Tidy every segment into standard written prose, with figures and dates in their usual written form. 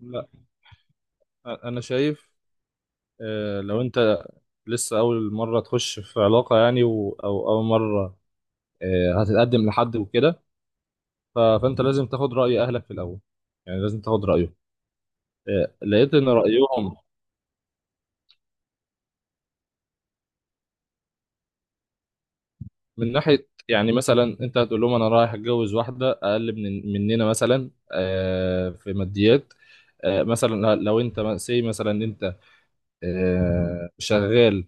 لا. انا شايف. لو انت لسه اول مره تخش في علاقه يعني او اول مره هتتقدم لحد وكده. فانت لازم تاخد راي اهلك في الاول، يعني لازم تاخد رايه. لقيت ان رايهم من ناحيه، يعني مثلا انت هتقول لهم انا رايح اتجوز واحده اقل من مننا، مثلا في ماديات. مثلا لو انت سي، مثلا انت شغال.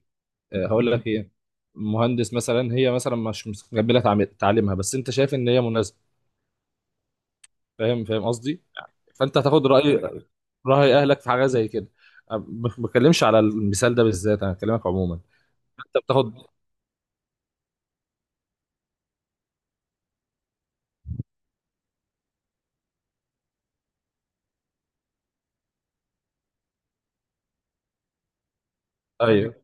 هقول لك ايه، مهندس مثلا، هي مثلا مش مستقبله تعليمها، بس انت شايف ان هي مناسبه. فاهم، فاهم قصدي. فانت هتاخد راي اهلك في حاجه زي كده. أنا ما بتكلمش على المثال ده بالذات، انا بكلمك عموما. انت بتاخد. ايوه،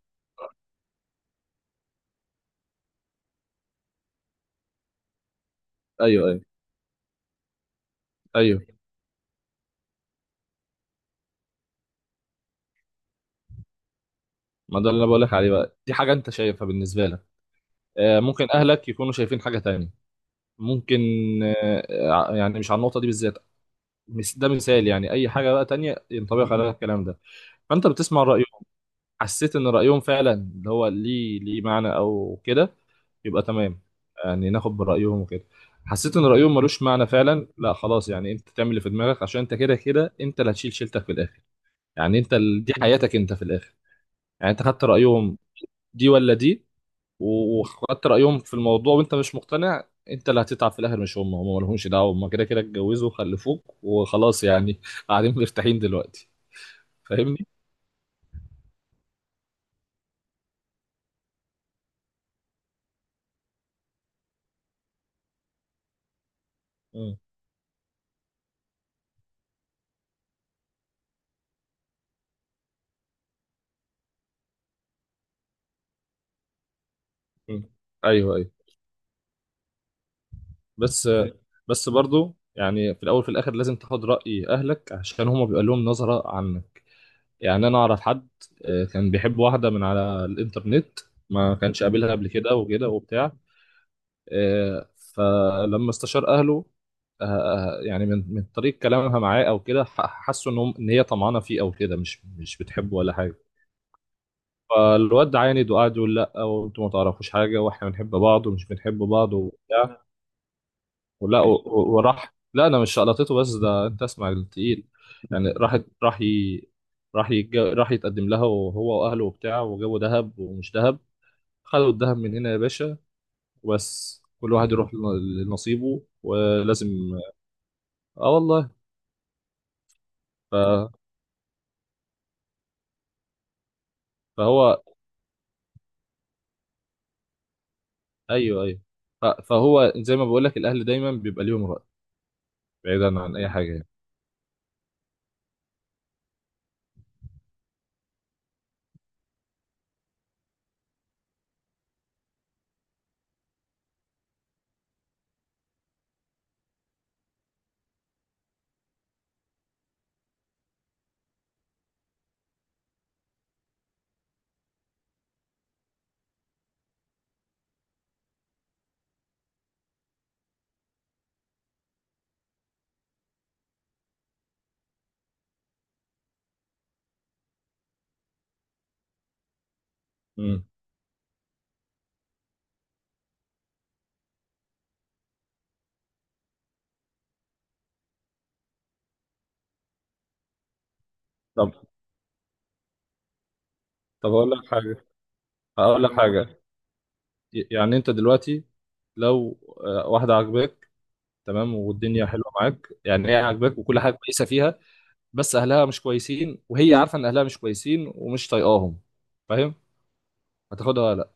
ايوه، ايوه، ايوه. ما ده اللي انا بقول لك عليه بقى، دي حاجه انت شايفها بالنسبه لك. ممكن اهلك يكونوا شايفين حاجه تانية. ممكن. يعني مش على النقطه دي بالذات. ده مثال، يعني اي حاجه بقى تانية ينطبق عليها الكلام ده. فانت بتسمع رايهم. حسيت ان رايهم فعلا اللي هو ليه معنى او كده، يبقى تمام، يعني ناخد برايهم وكده. حسيت ان رايهم ملوش معنى فعلا، لا خلاص، يعني انت تعمل اللي في دماغك عشان انت كده كده انت اللي هتشيل شيلتك في الاخر. يعني انت دي حياتك انت في الاخر. يعني انت خدت رايهم دي ولا دي، وخدت رايهم في الموضوع وانت مش مقتنع، انت اللي هتتعب في الاخر مش هم، هم مالهمش دعوه، هم كده كده اتجوزوا وخلفوك وخلاص، يعني قاعدين مرتاحين دلوقتي. فاهمني؟ مم. مم. ايوه، ايوه. بس بس برضو، يعني في الاول في الاخر لازم تاخد راي اهلك عشان هما بيبقى لهم نظره عنك. يعني انا اعرف حد، كان بيحب واحده من على الانترنت، ما كانش قابلها قبل كده وكده وبتاع. فلما استشار اهله، يعني من طريق كلامها معاه او كده، حسوا ان ان هي طمعانه فيه او كده، مش بتحبه ولا حاجه. فالواد عاند وقعد يقول لا، وانتوا ما تعرفوش حاجه، واحنا بنحب بعض ومش بنحب بعض وبتاع. ولا وراح لا انا مش شقلطته، بس ده انت اسمع التقيل. يعني راح يتقدم لها وهو واهله وبتاع، وجابوا دهب ومش دهب، خدوا الدهب من هنا يا باشا، وبس كل واحد يروح لنصيبه ولازم. اه والله. ف... فهو ايوه، ايوه. فهو زي ما بقول لك الاهل دايما بيبقى ليهم رأي، بعيدا عن اي حاجه يعني. مم. طب طب اقول لك حاجه، هقول لك حاجه. يعني انت دلوقتي لو واحده عاجباك، تمام، والدنيا حلوه معاك، يعني هي عاجباك وكل حاجه كويسه فيها، بس اهلها مش كويسين، وهي عارفه ان اهلها مش كويسين ومش طايقاهم، فاهم، هتاخدها ولا لا؟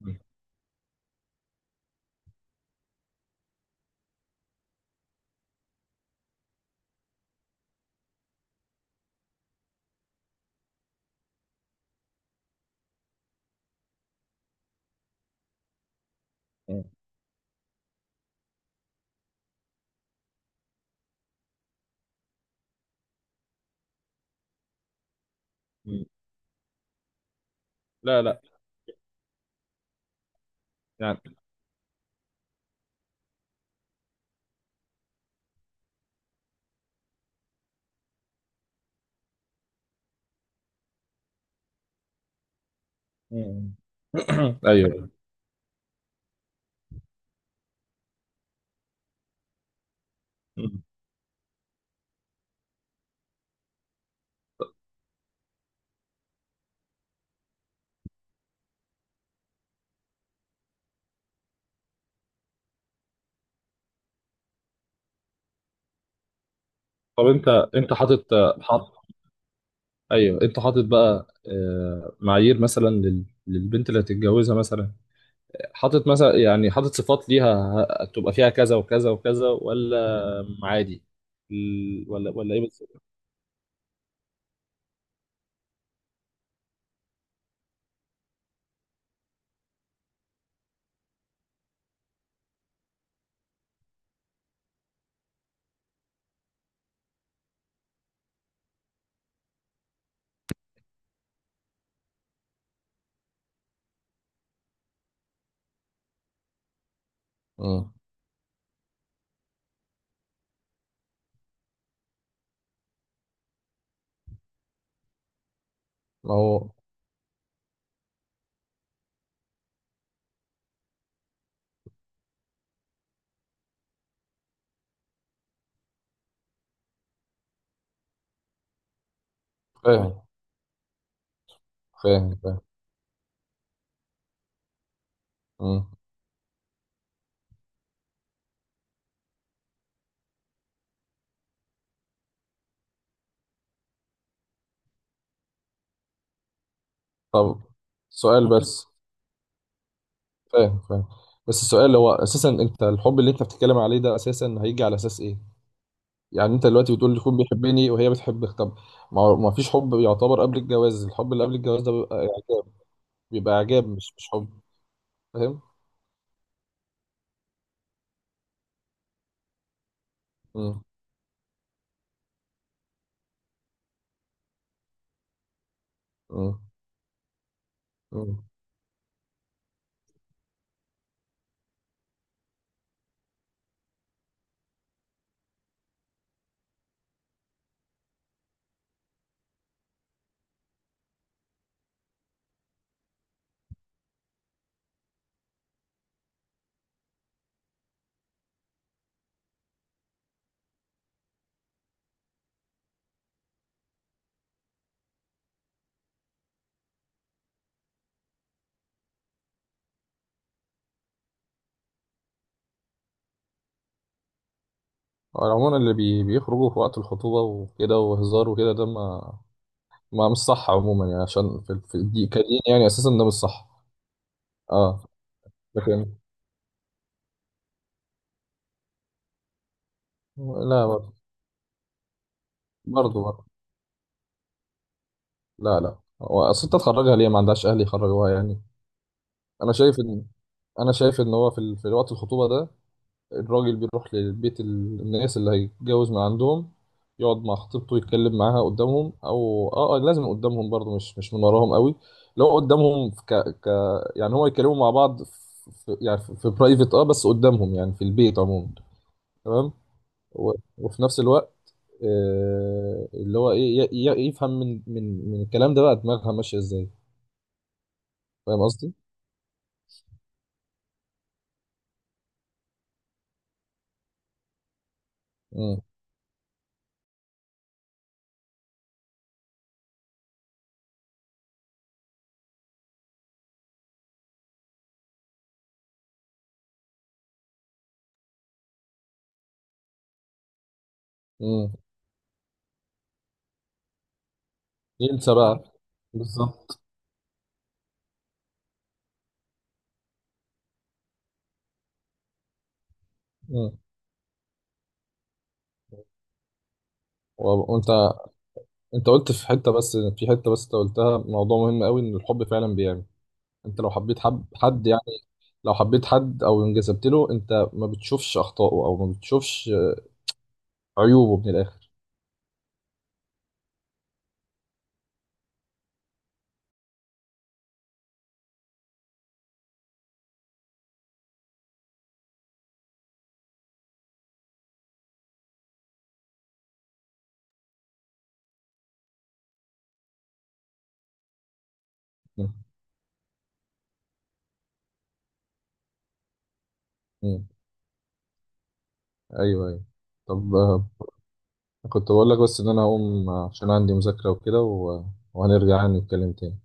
مم. مم. مم. لا، لا، يعني. مم. ايوه. مم. طب انت انت حاطط حاط ايوه، انت حاطط بقى معايير مثلا للبنت اللي هتتجوزها مثلا، حاطط مثلا، يعني حاطط صفات ليها، تبقى فيها كذا وكذا وكذا ولا عادي، ولا ايه بالظبط؟ مم. ما هو، فاهم، فاهم، فاهم. مم. طب سؤال بس، فاهم، فاهم. بس السؤال هو اساسا انت الحب اللي انت بتتكلم عليه ده اساسا هيجي على اساس ايه؟ يعني انت دلوقتي بتقول لي يكون بيحبني وهي بتحبك، طب ما فيش حب يعتبر قبل الجواز، الحب اللي قبل الجواز ده بيبقى اعجاب، بيبقى اعجاب، مش حب. فاهم؟ امم. امم. امم. عموما اللي بيخرجوا في وقت الخطوبة وكده وهزار وكده ده، ما مش صح، عموما يعني عشان في دي كدين، يعني اساسا ده مش صح. اه. لكن. لا، برضه، برضه. لا، لا، هو اصل انت تخرجها ليه؟ ما عندهاش اهل يخرجوها يعني؟ انا شايف ان انا شايف ان هو في في وقت الخطوبه ده الراجل بيروح لبيت الناس اللي هيتجوز من عندهم، يقعد مع خطيبته يتكلم معاها قدامهم، او اه لازم قدامهم برضه، مش من وراهم قوي. لو قدامهم في ك ك يعني هو يتكلموا مع بعض يعني في برايفت، اه، بس قدامهم يعني، في البيت عموما، تمام. وفي نفس الوقت اللي هو ايه يفهم من الكلام ده بقى دماغها ماشيه ازاي، فاهم قصدي؟ امم. امم. ينسى بقى. بالظبط. امم. وانت انت قلت في حته بس في حته بس انت قلتها موضوع مهم قوي، ان الحب فعلا بيعمي. انت لو حبيت حب حد، يعني لو حبيت حد او انجذبت له انت ما بتشوفش اخطائه او ما بتشوفش عيوبه من الاخر. امم. امم. ايوه، ايوه. طب كنت بقول لك، بس ان انا هقوم عشان عندي مذاكرة وكده، وهنرجع يعني نتكلم تاني.